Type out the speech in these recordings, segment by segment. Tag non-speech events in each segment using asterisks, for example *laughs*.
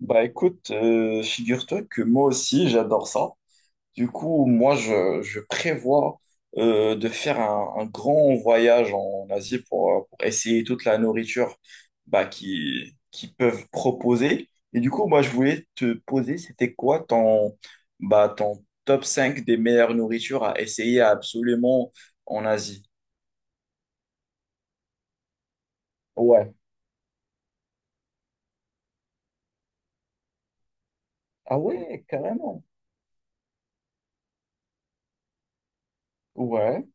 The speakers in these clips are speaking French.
Bah écoute, figure-toi que moi aussi j'adore ça. Du coup, moi je prévois de faire un grand voyage en Asie pour essayer toute la nourriture bah, qu'ils peuvent proposer. Et du coup, moi je voulais te poser, c'était quoi ton top 5 des meilleures nourritures à essayer absolument en Asie? Ouais. Ah ouais, carrément. Ouais.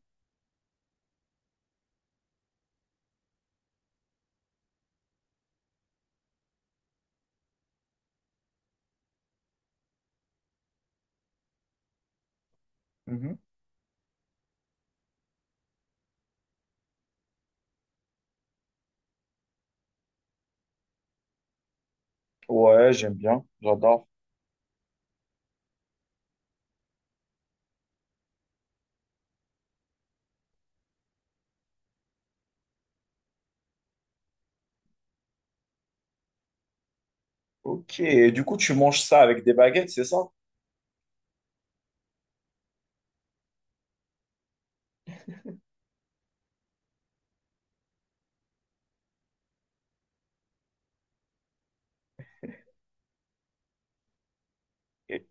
Mhm. Ouais, j'aime bien, j'adore. Ok, et du coup, tu manges ça avec des baguettes, c'est ça? Et,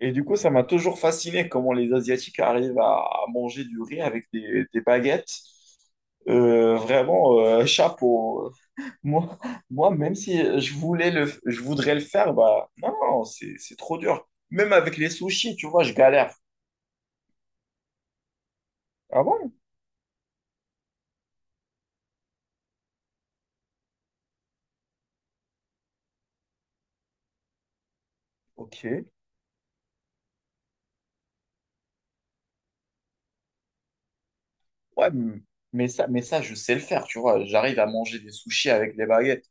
et du coup, ça m'a toujours fasciné comment les Asiatiques arrivent à manger du riz avec des baguettes. Vraiment, *laughs* chapeau. Moi, moi, même si je voulais je voudrais le faire, bah non, non, c'est trop dur. Même avec les sushis, tu vois, je galère. Ah bon? Ok. Ouais, mais ça, je sais le faire, tu vois. J'arrive à manger des sushis avec des baguettes.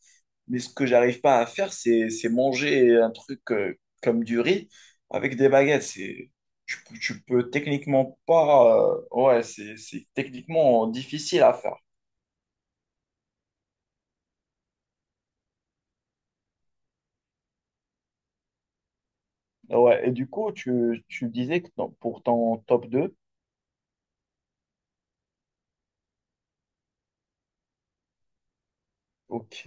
Mais ce que j'arrive pas à faire, c'est manger un truc comme du riz avec des baguettes. Tu peux techniquement pas. Ouais, c'est techniquement difficile à faire. Ouais, et du coup, tu disais que pour ton top deux. Ok.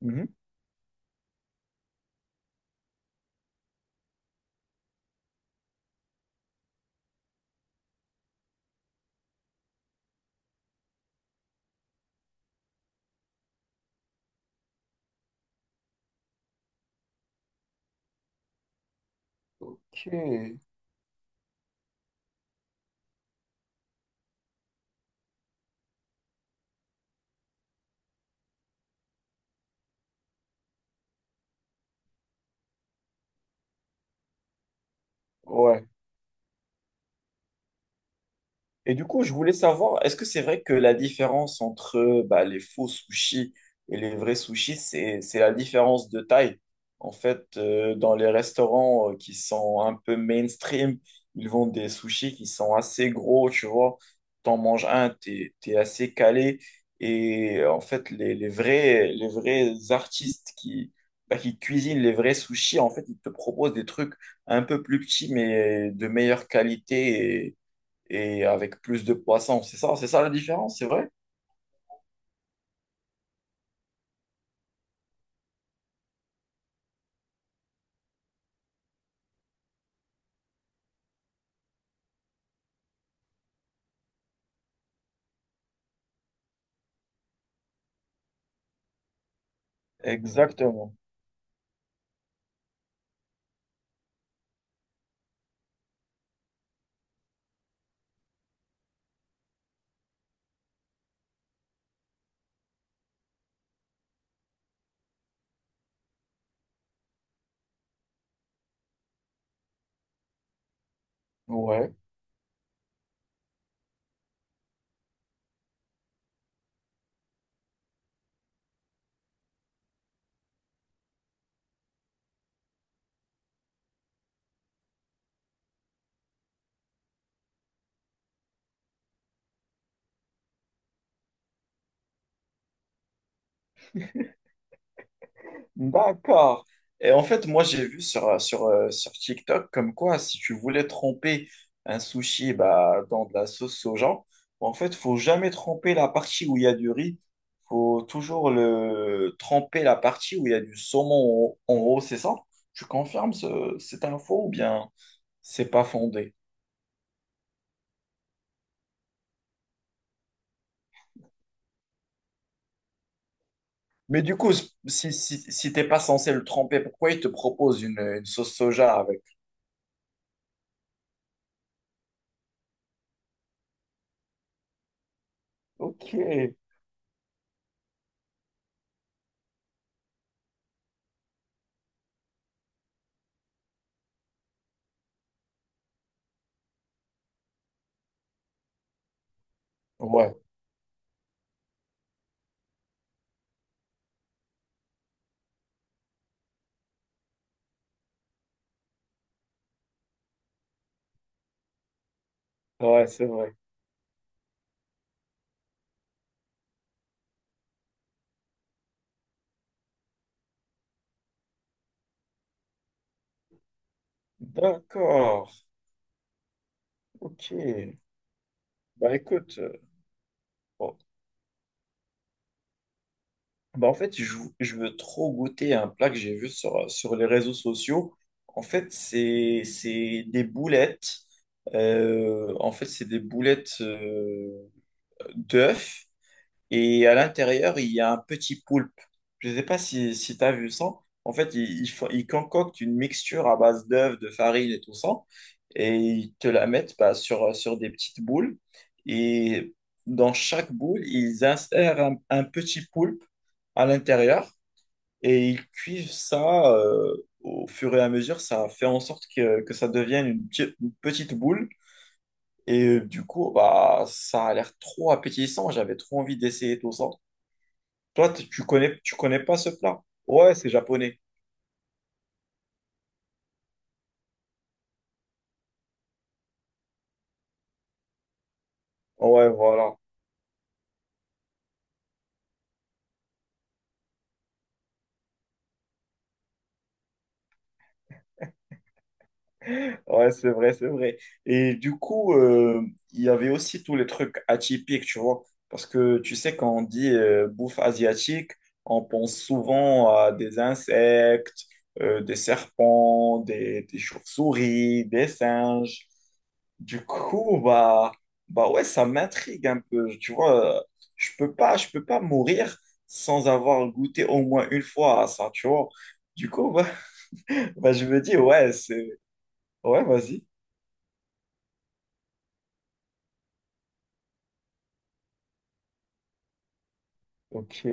Mhm. Ok. Ouais. Et du coup, je voulais savoir, est-ce que c'est vrai que la différence entre bah, les faux sushis et les vrais sushis, c'est la différence de taille? En fait, dans les restaurants qui sont un peu mainstream, ils vendent des sushis qui sont assez gros, tu vois. T'en manges un, t'es assez calé. Et en fait, les vrais artistes qui cuisinent les vrais sushis, en fait, ils te proposent des trucs un peu plus petits, mais de meilleure qualité et avec plus de poissons. C'est ça, la différence, c'est vrai? Exactement. Ouais. D'accord. Et en fait, moi, j'ai vu sur TikTok comme quoi, si tu voulais tremper un sushi bah, dans de la sauce soja, en fait, faut jamais tremper la partie où il y a du riz. Faut toujours le tremper la partie où il y a du saumon en haut, c'est ça? Tu confirmes cette info ou bien... C'est pas fondé. Mais du coup, si, si t'es pas censé le tremper, pourquoi il te propose une sauce soja avec? Ok. Ouais, ouais, c'est vrai. D'accord. Ok. Bah écoute, bon. Bah en fait, je veux trop goûter un plat que j'ai vu sur les réseaux sociaux. En fait, c'est des boulettes. En fait, c'est des boulettes d'œufs. Et à l'intérieur, il y a un petit poulpe. Je ne sais pas si tu as vu ça. En fait, ils concoctent une mixture à base d'œufs, de farine et tout ça. Et ils te la mettent bah, sur des petites boules. Et dans chaque boule, ils insèrent un petit poulpe à l'intérieur. Et ils cuisent ça au fur et à mesure. Ça fait en sorte que ça devienne une petite boule. Et du coup, bah, ça a l'air trop appétissant. J'avais trop envie d'essayer tout ça. Toi, tu connais, tu connais pas ce plat? Ouais, c'est japonais. Ouais, voilà. Ouais, c'est vrai, c'est vrai. Et du coup, il y avait aussi tous les trucs atypiques, tu vois. Parce que tu sais, quand on dit bouffe asiatique, on pense souvent à des insectes, des serpents, des chauves-souris, des singes. Du coup, bah, ouais, ça m'intrigue un peu. Tu vois, je peux pas mourir sans avoir goûté au moins une fois à ça, tu vois. Du coup, bah, *laughs* bah, je me dis, ouais, c'est... Ouais, vas-y. Ok,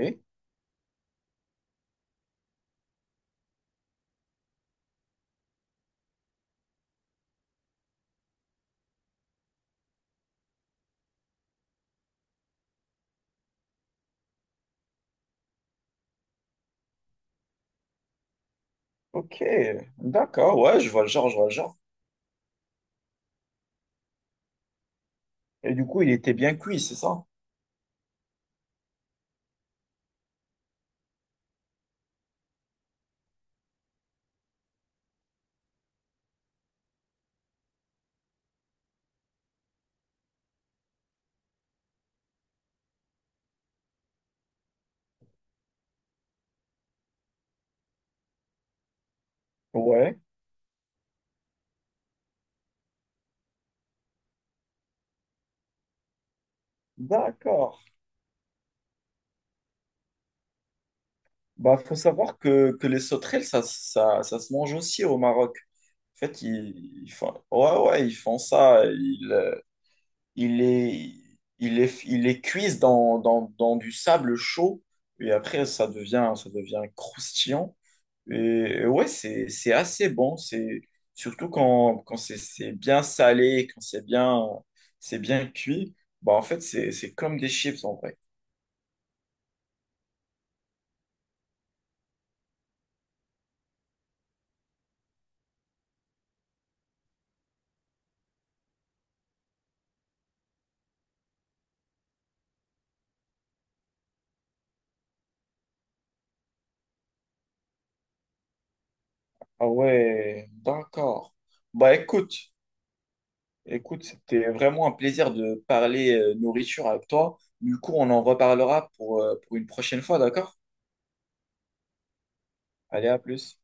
ok. D'accord, ouais, je vois le genre, je vois le genre. Et du coup, il était bien cuit, c'est ça? Ouais. D'accord. Bah, faut savoir que les sauterelles, ça se mange aussi au Maroc. En fait, ils font, ouais, ouais, ils font ça. Ils les, ils les cuisent dans du sable chaud. Et après, ça devient croustillant. Et, et ouais, c'est assez bon. Surtout quand c'est bien salé, quand c'est bien cuit. Bah, en fait, c'est comme des chips en vrai. Ah ouais, d'accord. Bah écoute. Écoute, c'était vraiment un plaisir de parler nourriture avec toi. Du coup, on en reparlera pour une prochaine fois, d'accord? Allez, à plus.